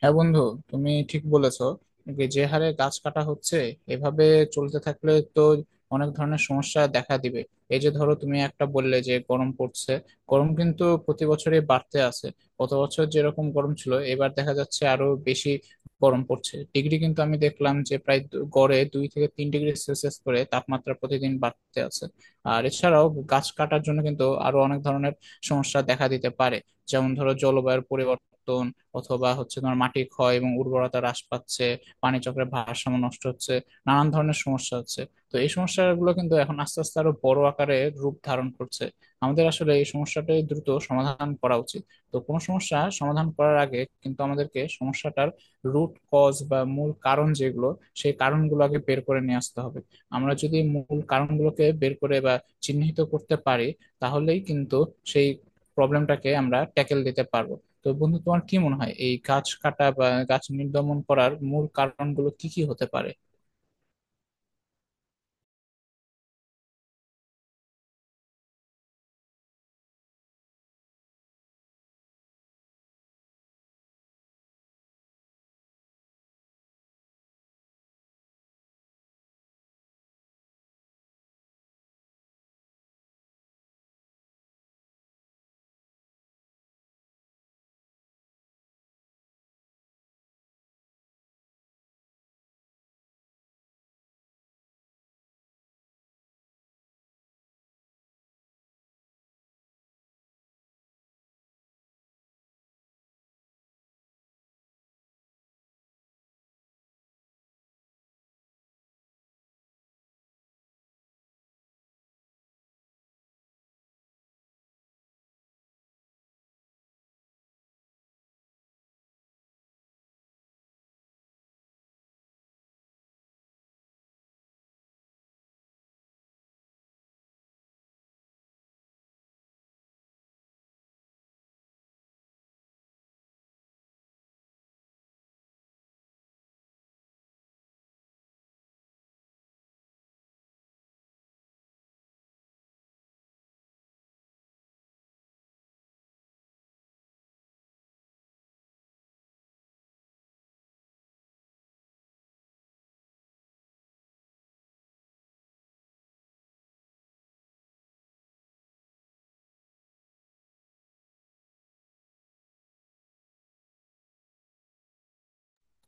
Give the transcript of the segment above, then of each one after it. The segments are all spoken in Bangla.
হ্যাঁ বন্ধু, তুমি ঠিক বলেছো। যে যে হারে গাছ কাটা হচ্ছে, এভাবে চলতে থাকলে তো অনেক ধরনের সমস্যা দেখা দিবে। এই যে ধরো, তুমি একটা বললে যে গরম পড়ছে। গরম কিন্তু প্রতি বছরই বাড়তে আছে। গত বছর যেরকম গরম ছিল, এবার দেখা যাচ্ছে আরো বেশি গরম পড়ছে। ডিগ্রি কিন্তু আমি দেখলাম যে প্রায় গড়ে 2 থেকে 3 ডিগ্রি সেলসিয়াস করে তাপমাত্রা প্রতিদিন বাড়তে আছে। আর এছাড়াও গাছ কাটার জন্য কিন্তু আরো অনেক ধরনের সমস্যা দেখা দিতে পারে। যেমন ধরো, জলবায়ুর পরিবর্তন, অথবা হচ্ছে তোমার মাটি ক্ষয় এবং উর্বরতা হ্রাস পাচ্ছে, পানি চক্রের ভারসাম্য নষ্ট হচ্ছে, নানান ধরনের সমস্যা হচ্ছে। তো এই সমস্যাগুলো কিন্তু এখন আস্তে আস্তে আরো বড় আকারে রূপ ধারণ করছে। আমাদের আসলে এই সমস্যাটা দ্রুত সমাধান করা উচিত। তো কোনো সমস্যা সমাধান করার আগে কিন্তু আমাদেরকে সমস্যাটার রুট কজ বা মূল কারণ যেগুলো, সেই কারণগুলো আগে বের করে নিয়ে আসতে হবে। আমরা যদি মূল কারণগুলোকে বের করে বা চিহ্নিত করতে পারি, তাহলেই কিন্তু সেই প্রবলেমটাকে আমরা ট্যাকেল দিতে পারবো। তো বন্ধু, তোমার কি মনে হয় এই গাছ কাটা বা গাছ নির্গমন করার মূল কারণগুলো কি কি হতে পারে?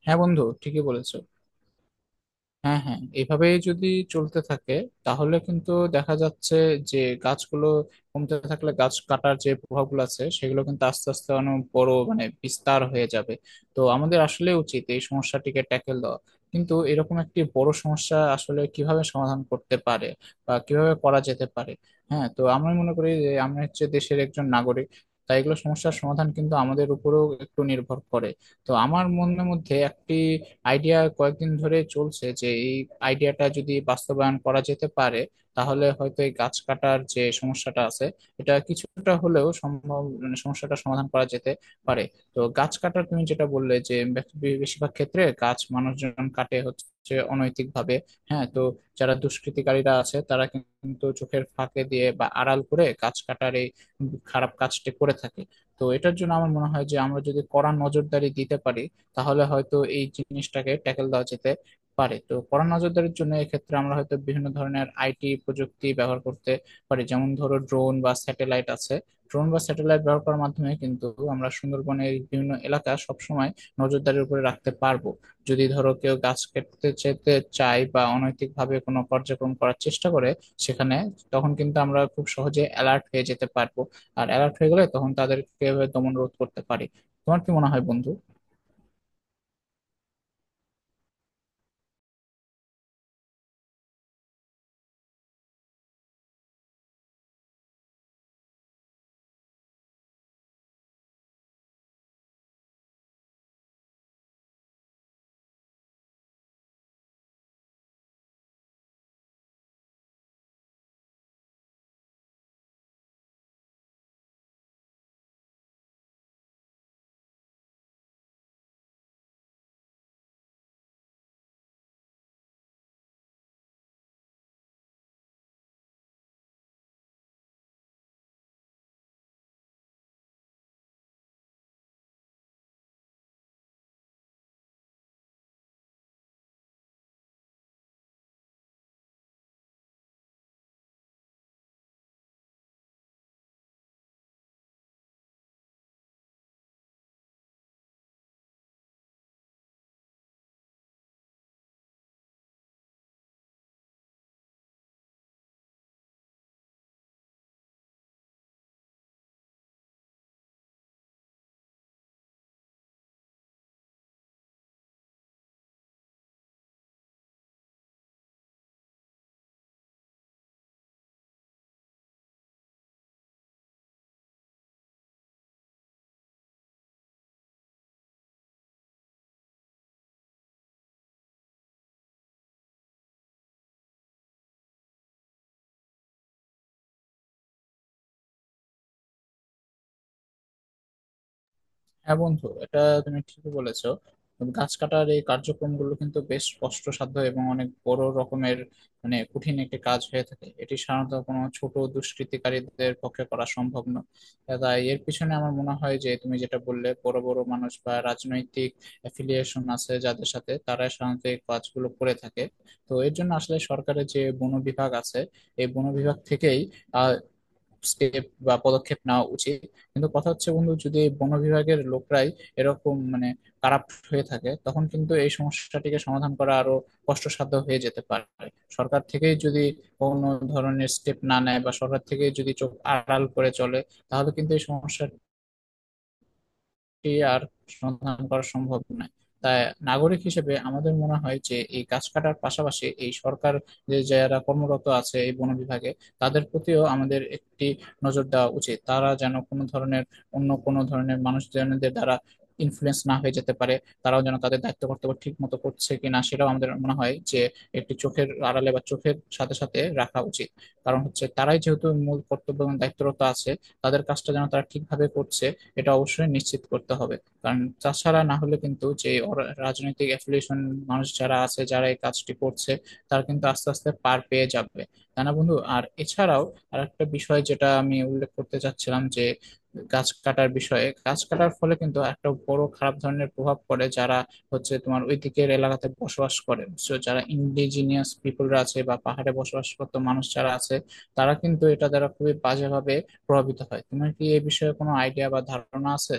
হ্যাঁ বন্ধু, ঠিকই বলেছো। হ্যাঁ হ্যাঁ, এভাবে যদি চলতে থাকে তাহলে কিন্তু দেখা যাচ্ছে যে গাছগুলো কমতে থাকলে গাছ কাটার যে প্রভাবগুলো আছে, সেগুলো কিন্তু আস্তে আস্তে অনেক বড় মানে বিস্তার হয়ে যাবে। তো আমাদের আসলে উচিত এই সমস্যাটিকে ট্যাকেল দেওয়া। কিন্তু এরকম একটি বড় সমস্যা আসলে কিভাবে সমাধান করতে পারে বা কিভাবে করা যেতে পারে? হ্যাঁ, তো আমি মনে করি যে আমি হচ্ছে দেশের একজন নাগরিক, তাই এগুলো সমস্যার সমাধান কিন্তু আমাদের উপরেও একটু নির্ভর করে। তো আমার মনের মধ্যে একটি আইডিয়া কয়েকদিন ধরে চলছে যে এই আইডিয়াটা যদি বাস্তবায়ন করা যেতে পারে, তাহলে হয়তো এই গাছ কাটার যে সমস্যাটা আছে, এটা কিছুটা হলেও সম্ভব মানে সমস্যাটা সমাধান করা যেতে পারে। তো গাছ কাটার তুমি যেটা বললে যে বেশিরভাগ ক্ষেত্রে গাছ মানুষজন কাটে হচ্ছে অনৈতিক ভাবে। হ্যাঁ, তো যারা দুষ্কৃতিকারীরা আছে তারা কিন্তু চোখের ফাঁকে দিয়ে বা আড়াল করে গাছ কাটার এই খারাপ কাজটি করে থাকে। তো এটার জন্য আমার মনে হয় যে আমরা যদি কড়া নজরদারি দিতে পারি, তাহলে হয়তো এই জিনিসটাকে ট্যাকেল দেওয়া যেতে পারে। তো কড়া নজরদারির জন্য এক্ষেত্রে আমরা হয়তো বিভিন্ন ধরনের আইটি প্রযুক্তি ব্যবহার করতে পারি। যেমন ধরো, ড্রোন বা স্যাটেলাইট আছে। ড্রোন বা স্যাটেলাইট ব্যবহার করার মাধ্যমে কিন্তু আমরা সুন্দরবনের বিভিন্ন এলাকা সবসময় নজরদারির উপরে রাখতে পারবো। যদি ধরো কেউ গাছ কেটে যেতে চায় বা অনৈতিকভাবে কোনো কার্যক্রম করার চেষ্টা করে সেখানে, তখন কিন্তু আমরা খুব সহজে অ্যালার্ট হয়ে যেতে পারবো। আর অ্যালার্ট হয়ে গেলে তখন তাদেরকে দমন রোধ করতে পারি। তোমার কি মনে হয় বন্ধু? হ্যাঁ বন্ধু, এটা তুমি ঠিকই বলেছো। গাছ কাটার এই কার্যক্রমগুলো কিন্তু বেশ কষ্টসাধ্য এবং অনেক বড় রকমের মানে কঠিন একটি কাজ হয়ে থাকে। এটি সাধারণত কোনো ছোট দুষ্কৃতিকারীদের পক্ষে করা সম্ভব না। তাই এর পিছনে আমার মনে হয় যে, তুমি যেটা বললে, বড় বড় মানুষ বা রাজনৈতিক অ্যাফিলিয়েশন আছে যাদের সাথে, তারা সাধারণত এই কাজগুলো করে থাকে। তো এর জন্য আসলে সরকারের যে বন বিভাগ আছে, এই বন বিভাগ থেকেই আহ স্টেপ বা পদক্ষেপ নেওয়া উচিত। কিন্তু কথা হচ্ছে বন্ধু, যদি বন বিভাগের লোকরাই এরকম মানে কারাপ্ট হয়ে থাকে, তখন কিন্তু এই সমস্যাটিকে সমাধান করা আরো কষ্টসাধ্য হয়ে যেতে পারে। সরকার থেকেই যদি কোনো ধরনের স্টেপ না নেয় বা সরকার থেকে যদি চোখ আড়াল করে চলে, তাহলে কিন্তু এই সমস্যা আর সন্ধান করা সম্ভব নয়। তাই নাগরিক হিসেবে আমাদের মনে হয় যে এই গাছ কাটার পাশাপাশি এই সরকার, যে যারা কর্মরত আছে এই বন বিভাগে, তাদের প্রতিও আমাদের একটি নজর দেওয়া উচিত। তারা যেন কোনো ধরনের, অন্য কোনো ধরনের মানুষজনদের দ্বারা ইনফ্লুয়েন্স না হয়ে যেতে পারে। তারাও যেন তাদের দায়িত্ব কর্তব্য ঠিক মতো করছে কিনা, সেটাও আমাদের মনে হয় যে একটি চোখের আড়ালে বা চোখের সাথে সাথে রাখা উচিত। কারণ হচ্ছে তারাই যেহেতু মূল কর্তব্য এবং দায়িত্বরত আছে, তাদের কাজটা যেন তারা ঠিকভাবে করছে এটা অবশ্যই নিশ্চিত করতে হবে। কারণ তাছাড়া না হলে কিন্তু যে রাজনৈতিক অ্যাফিলিয়েশন মানুষ যারা আছে, যারা এই কাজটি করছে, তারা কিন্তু আস্তে আস্তে পার পেয়ে যাবে। তাই না বন্ধু? আর এছাড়াও, আর একটা বিষয় যেটা আমি উল্লেখ করতে চাচ্ছিলাম যে গাছ কাটার বিষয়ে, গাছ কাটার ফলে কিন্তু একটা বড় খারাপ ধরনের প্রভাব পড়ে যারা হচ্ছে তোমার ওই দিকের এলাকাতে বসবাস করে। So, যারা ইন্ডিজিনিয়াস পিপলরা আছে বা পাহাড়ে বসবাস করতো মানুষ যারা আছে, তারা কিন্তু এটা দ্বারা খুবই বাজেভাবে প্রভাবিত হয়। তোমার কি এ বিষয়ে কোনো আইডিয়া বা ধারণা আছে?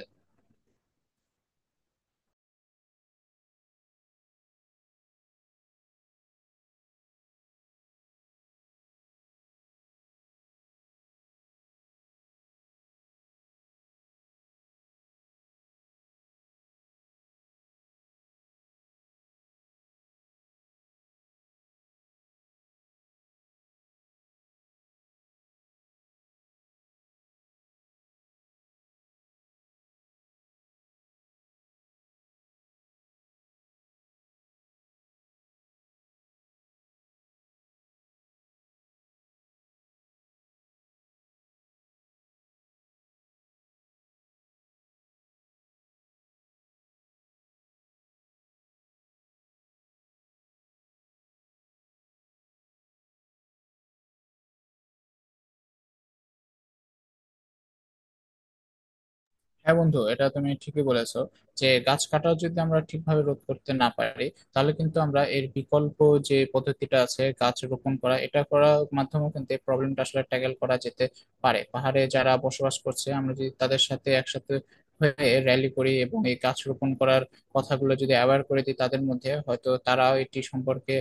হ্যাঁ বন্ধু, এটা তুমি ঠিকই বলেছো। যে গাছ কাটা যদি আমরা ঠিকভাবে রোধ করতে না পারি, তাহলে কিন্তু আমরা এর বিকল্প যে পদ্ধতিটা আছে গাছ রোপণ করা, এটা করার মাধ্যমে কিন্তু এই প্রবলেমটা আসলে ট্যাকেল করা যেতে পারে। পাহাড়ে যারা বসবাস করছে আমরা যদি তাদের সাথে একসাথে হয়ে র্যালি করি এবং এই গাছ রোপণ করার কথাগুলো যদি অ্যাওয়্যার করে দিই তাদের মধ্যে, হয়তো তারাও এটি সম্পর্কে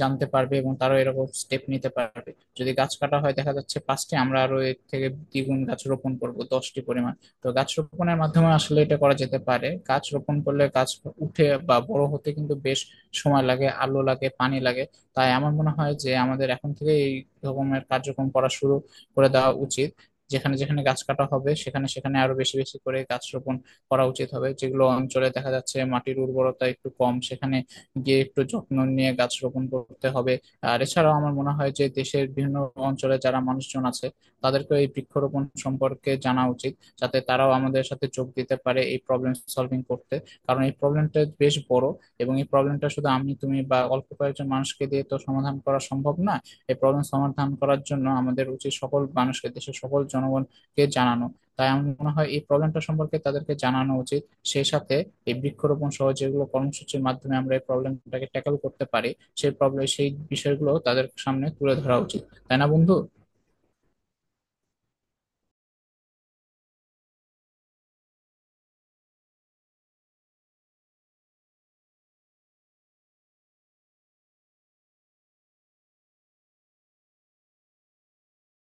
জানতে পারবে এবং তারাও এরকম স্টেপ নিতে পারবে। যদি গাছ কাটা হয় দেখা যাচ্ছে পাঁচটি, আমরা আরো এর থেকে দ্বিগুণ গাছ রোপণ করব 10টি পরিমাণ। তো গাছ রোপণের মাধ্যমে আসলে এটা করা যেতে পারে। গাছ রোপণ করলে গাছ উঠে বা বড় হতে কিন্তু বেশ সময় লাগে, আলো লাগে, পানি লাগে। তাই আমার মনে হয় যে আমাদের এখন থেকে এই রকমের কার্যক্রম করা শুরু করে দেওয়া উচিত। যেখানে যেখানে গাছ কাটা হবে, সেখানে সেখানে আরো বেশি বেশি করে গাছ রোপণ করা উচিত হবে। যেগুলো অঞ্চলে দেখা যাচ্ছে মাটির উর্বরতা একটু কম, সেখানে গিয়ে একটু যত্ন নিয়ে গাছ রোপণ করতে হবে। আর এছাড়াও আমার মনে হয় যে দেশের বিভিন্ন অঞ্চলে যারা মানুষজন আছে, তাদেরকে এই বৃক্ষরোপণ সম্পর্কে জানা উচিত, যাতে তারাও আমাদের সাথে যোগ দিতে পারে এই প্রবলেম সলভিং করতে। কারণ এই প্রবলেমটা বেশ বড়, এবং এই প্রবলেমটা শুধু আমি তুমি বা অল্প কয়েকজন মানুষকে দিয়ে তো সমাধান করা সম্ভব না। এই প্রবলেম সমাধান করার জন্য আমাদের উচিত সকল মানুষকে, দেশের সকল জনগণকে জানানো। তাই আমার মনে হয় এই প্রবলেমটা সম্পর্কে তাদেরকে জানানো উচিত। সেই সাথে এই বৃক্ষরোপণ সহ যেগুলো কর্মসূচির মাধ্যমে আমরা এই প্রবলেমটাকে ট্যাকল করতে পারি, সেই প্রবলেম, সেই বিষয়গুলো তাদের সামনে তুলে ধরা উচিত। তাই না বন্ধু?